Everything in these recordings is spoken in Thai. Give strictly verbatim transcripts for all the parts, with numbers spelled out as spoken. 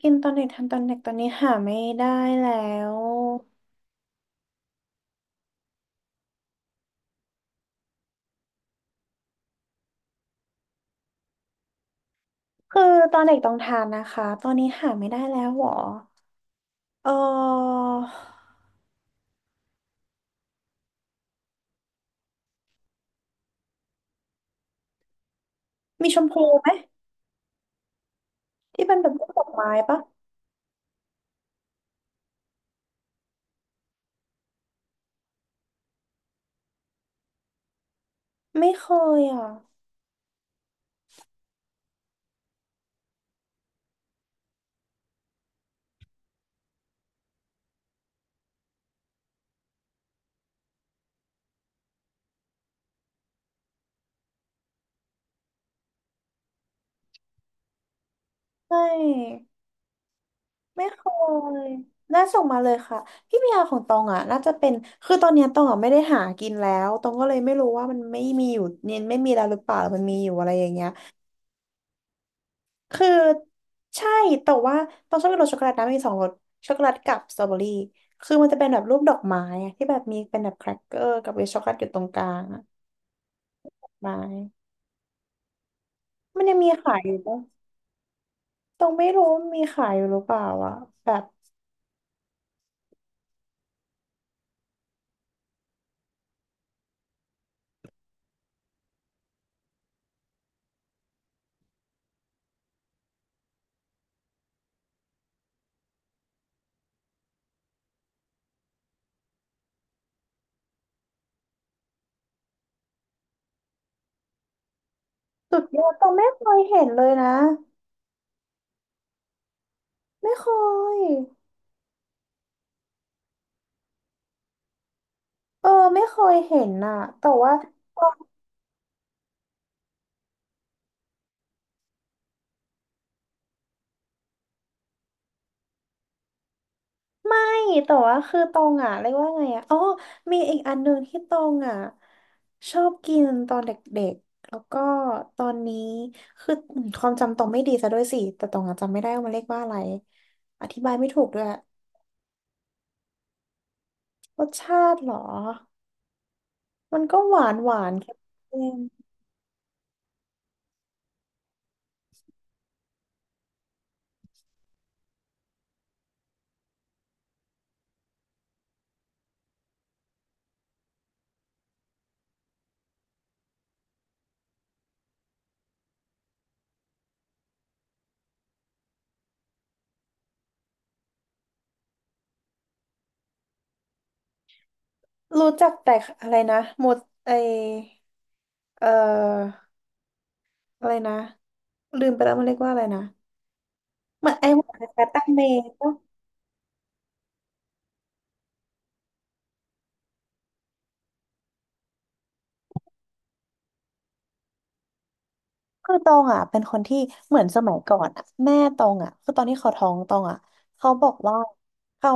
กินตอนเด็กทานตอนเด็กตอนนี้หาไม่ได้แล้วคือตอนเด็กต้องทานนะคะตอนนี้หาไม่ได้แล้วหรอเออมีชมพูไหมที่เป็นแบบรูปดอกไม้ปะไม่เคยอ่ะไม่ไม่เคยน่าส่งมาเลยค่ะพี่พิยาของตองอ่ะน่าจะเป็นคือตอนเนี้ยตองอ่ะไม่ได้หากินแล้วตองก็เลยไม่รู้ว่ามันไม่มีอยู่เนี่ยไม่มีแล้วหรือเปล่ามันมีอยู่อะไรอย่างเงี้ย คือใช่แต่ว่าต้องชอบกินรสช็อกโกแลตนะมีสองรสช็อกโกแลตกับสตรอเบอรี่คือมันจะเป็นแบบรูปดอกไม้อะที่แบบมีเป็นแบบแครกเกอร์กับมีช็อกโกแลตอยู่ตรงกลางอะไม้มันยังมีขายอยู่ปะต้องไม่รู้มีขายอยู่หรือเปล่าอะแบบสุดยอดต้องไม่เคยเห็นเลยนะไม่เคยเออไม่เคยเห็นอะแต่ว่า นี่แต่ว่าคือตองอ่ะเรียกว่าไงอ่ะอ๋อมีอีกอันหนึ่งที่ตองอ่ะชอบกินตอนเด็กๆแล้วก็ตอนนี้คือความจำตองไม่ดีซะด้วยสิแต่ตองอ่ะจำไม่ได้ว่ามันเรียกว่าอะไรอธิบายไม่ถูกด้วยรสชาติเหรอมันก็หวานหวานเค็มๆรู้จักแต่อะไรนะหมดไอเอ่ออะไรนะลืมไปแล้วมันเรียกว่าอะไรนะเหมือนไอหวานคลาตังเมย์ คือตองอ่ะเป็นคนที่เหมือนสมัยก่อนอ่ะแม่ตองอ่ะคือตอนที่เขาท้องตองอ่ะเขาบอกว่าเขา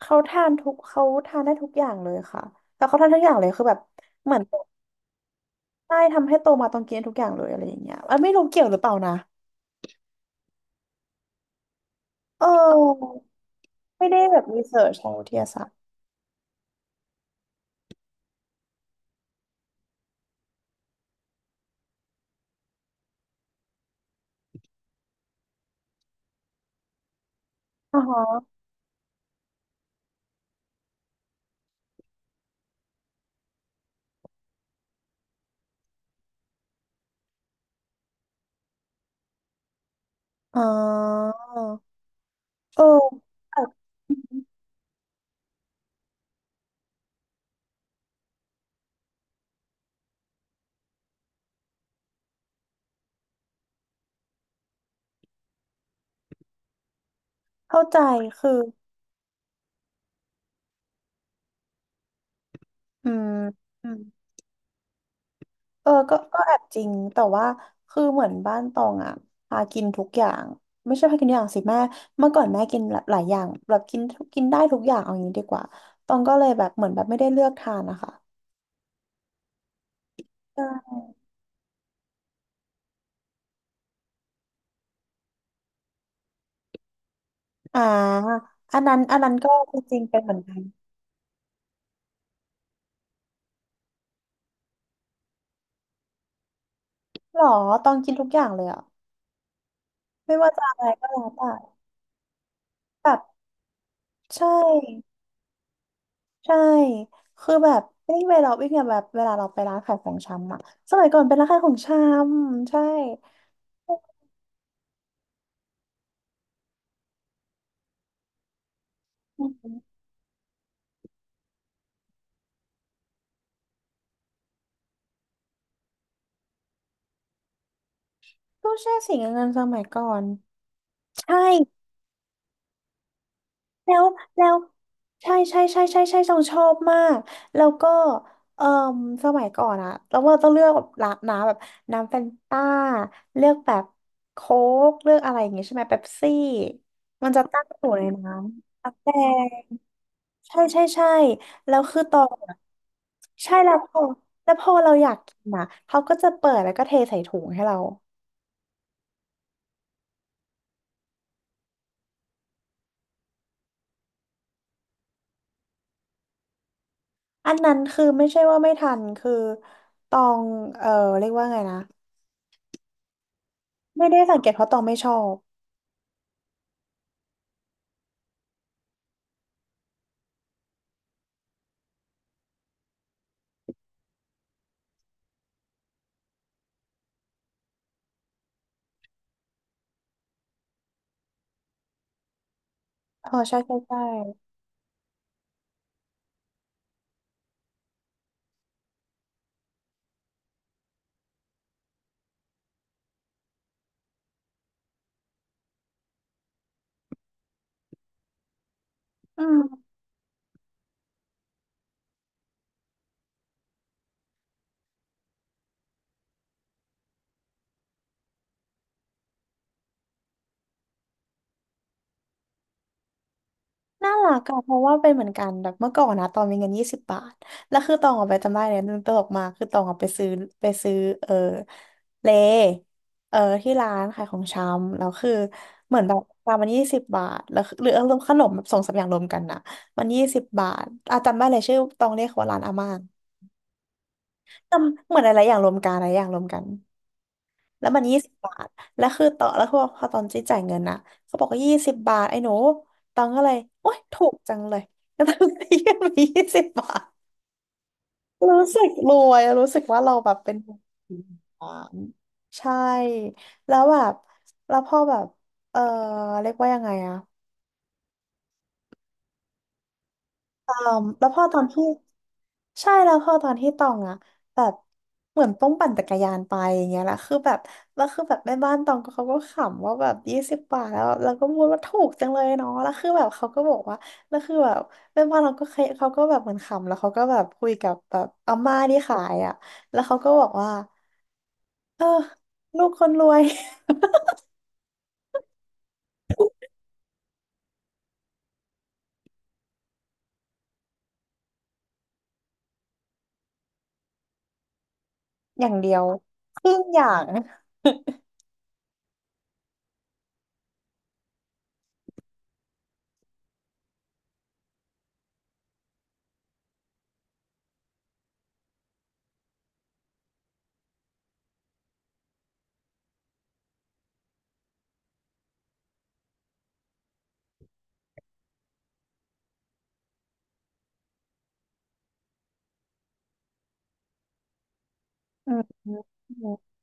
เขาทานทุกเขาทานได้ทุกอย่างเลยค่ะแต่เขาทานทุกอย่างเลยคือแบบเหมือนได้ทำให้โตมาตองกินทุกอย่างเลยอะไรอย่างเงี้ยอันไม่รู้เกี่ยวหรือเปล่านะเออไม่ได้แบบรีเสิร์ชทางวิทยาศาสตร์อ๋อฮะอ๋อเออเข้าใจคืออืม เออก็ก็แอบจริงแต่ว่าคือเหมือนบ้านตองอ่ะพากินทุกอย่างไม่ใช่พากินทุกอย่างสิแม่เมื่อก่อนแม่กินหลาหลายอย่างแบบกินกินได้ทุกอย่างเอาอย่างนี้ดีกว่าตองก็เลยแบบเหมือนแบบไม่ได้เลือกทานนะคะใช่อ่าอันนั้นอันนั้นก็จริงๆเป็นเหมือนกันหรอตองกินทุกอย่างเลยอ่ะไม่ว่าจะอะไรก็แล้วแต่แบบใช่ใช่คือแบบวิ่งเวลาวิ่งเนี่ยแบบเวลาเราไปร้านขายของชำอ่ะสมัยก่อนเป็นร้านขายของชำใช่ ตู้แช่สีเงินสมัยก่อนใช่แล้วแล้วใช่ใช่ใช่ใช่ใช่ต้องชอบมากแล้วก็เอ่อสมัยก่อนอะแล้วเราต้องเลือกแบบร้านน้ำแบบน้ำแฟนต้าเลือกแบบโค้กเลือกอะไรอย่างงี้ใช่ไหมเป๊ปซี่มันจะตั้งอยู่ในน้ำกาแฟใช่ใช่ใช่แล้วคือตอนอะใช่แล้วพอแล้วพอเราอยากกินอะเขาก็จะเปิดแล้วก็เทใส่ถุงให้เรา อันนั้นคือไม่ใช่ว่าไม่ทันคือตองเออเรียกว่าไงนะไม่ได้สังเกตเพราะตองไม่ชอบเออใช่ใช่ใช่อืมน่ารักอะเพราะว่าเป็นเหมือนกันแบบเมื่อก่อนนะตองมีเงินยี่สิบบาทแล้วคือตองออกไปจำได้เลยมันตลกมากคือตองออกไปซื้อไปซื้อเออเลเออที่ร้านขายของชำแล้วคือเหมือนแบบตามมันยี่สิบบาทแล้วคือหรืออารมณ์ขนมแบบสองสามอย่างรวมกันนะมันยี่สิบบาทอ่จำได้เลยชื่อตองเรียกว่าร้านอาม่าจำเหมือนอะไรอย่างรวมกันอะไรอย่างรวมกัน แล้วมันยี่สิบบาท แล้วคือต่อแล้วคือพอตอนจี้จ่ายเงินนะเขาบอกว่ายี่สิบบาทไอ้หนูตองก็เลย โอ๊ยถูกจังเลยแล้วตองก็ยื่นไปยี่สิบบาท รู้สึกรวยรู้สึกว่าเราแบบเป็นอ่าใช่ แล้วแบบแล้วพอแบบ เออเรียกว่ายังไงอะ อืมแล้วพอตอนที่ใช่แล้วพอตอนที่ตองอะแบบเหมือนต้องปั่นจักรยานไปอย่างเงี้ยแหละคือแบบแล้วคือแบบแม่บ้านตองก็เขาก็ขำว่าแบบยี่สิบบาทแล้วแล้วก็พูดว่าถูกจังเลยเนาะแล้วคือแบบเขาก็บอกว่าแล้วคือแบบแม่บ้านเราก็เคยเขาก็แบบเหมือนขำแล้วเขาก็แบบคุยกับแบบอาม่าที่ขายอะแล้วเขาก็บอกว่าเออลูกคนรวย อย่างเดียวครึ่งอย่าง อืม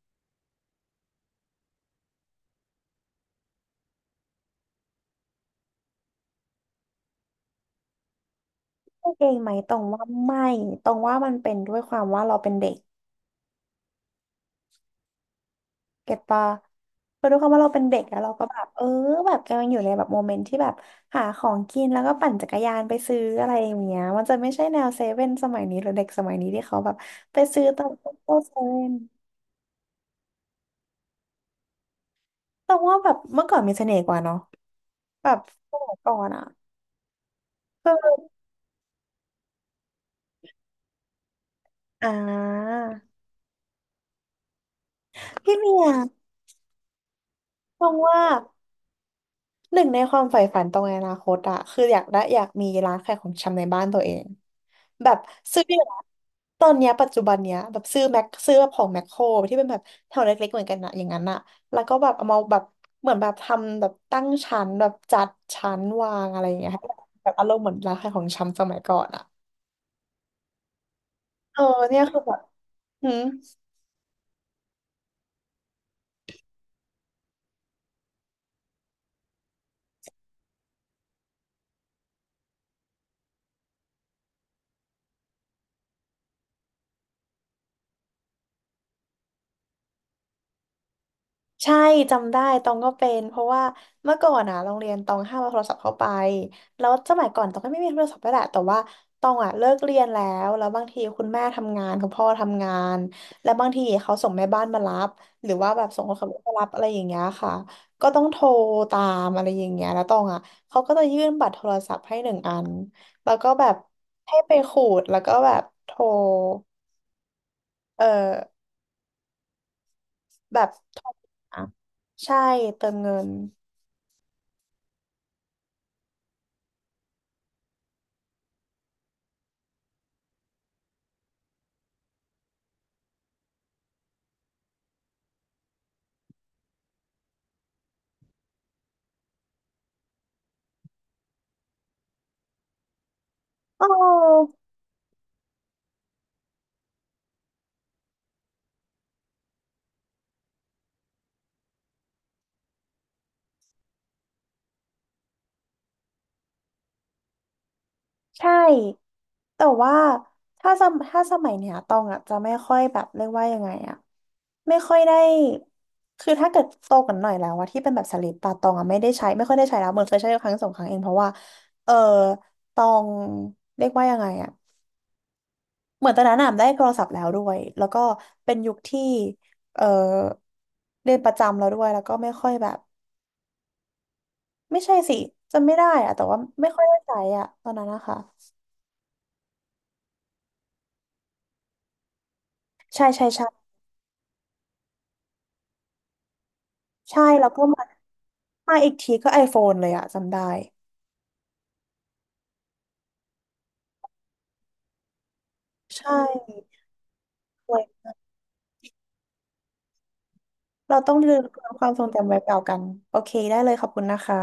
พูดเองไหมตรงว่าไม่ตรงว่ามันเป็นด้วยความว่าเราเป็นเด็กเก็ตปะคือด้วยความว่าเราเป็นเด็กแล้วเราก็แบบเออแบบกำลังอยู่ในแบบโมเมนต์ที่แบบหาของกินแล้วก็ปั่นจักรยานไปซื้ออะไรอย่างเงี้ยมันจะไม่ใช่แนวเซเว่นสมัยนี้หรือเด็กสมัยนี้ที่เขาแบบไปซื้อตามซุปเปอร์เซเว่นตรงว่าแบบเมื่อก่อนมีเสน่ห์กว่าเนาะแบบสมัยก่อนอะคืออ่าพี่เมียตรงว่า หนึ่งในความใฝ่ฝันตรงในอนาคตอะคืออยากได้อยากมีร้านขายของชำในบ้านตัวเองแบบซื้อตอนเนี้ยปัจจุบันเนี้ยแบบซื้อแม็กซื้อแบบของแมคโครที่เป็นแบบแถวเล็กๆเหมือนกันอะอย่างนั้นอะแล้วก็แบบเอามาแบบเหมือนแบบทำแบบตั้งชั้นแบบจัดชั้นวางอะไรอย่างเงี้ยให้แบบอารมณ์เหมือนร้านขายของชำสมัยก่อนอะเออเนี่ยคือแบบหืม ใช่จำได้ตองก็เป็นเพราะว่าเมื่อก่อนอะโรงเรียนตองห้ามเอาโทรศัพท์เข้าไปแล้วสมัยก่อนตองก็ไม่มีโทรศัพท์ก็แหละแต่ว่าตองอะเลิกเรียนแล้วแล้วบางทีคุณแม่ทำงานคุณพ่อทำงานแล้วบางทีเขาส่งแม่บ้านมารับหรือว่าแบบส่งคนขับรถมารับอะไรอย่างเงี้ยค่ะก็ต้องโทรตามอะไรอย่างเงี้ยแล้วตองอะเขาก็จะยื่นบัตรโทรศัพท์ให้หนึ่งอันแล้วก็แบบให้ไปขูดแล้วก็แบบโทรเออแบบโทรหาใช่เติมเงิน เออใช่แต่ว่าถ้าสมถ้าสมัยเนี้ยตองอ่ะจะไม่ค่อยแบบเรียกว่ายังไงอ่ะไม่ค่อยได้คือถ้าเกิดโตกว่าหน่อยแล้วอะที่เป็นแบบสลิปปะตองอ่ะไม่ได้ใช้ไม่ค่อยได้ใช้แล้วเหมือนเคยใช้ครั้งสองครั้งเองเพราะว่าเออตองเรียกว่ายังไงอ่ะเหมือนตอนนั้นอะได้โทรศัพท์แล้วด้วยแล้วก็เป็นยุคที่เออเรียนประจำแล้วด้วยแล้วก็ไม่ค่อยแบบไม่ใช่สิจำไม่ได้อะแต่ว่าไม่ค่อยได้ใช้อะตอนนั้นนะคะใช่ใช่ใช่ ใช่แล้วก็มามาอีกทีก็ ไอโฟน เลยอะจำได้ใช่เว้ยเราต้องลืมความทรงจำไว้เปล่ากันโอเคได้เลยขอบคุณนะคะ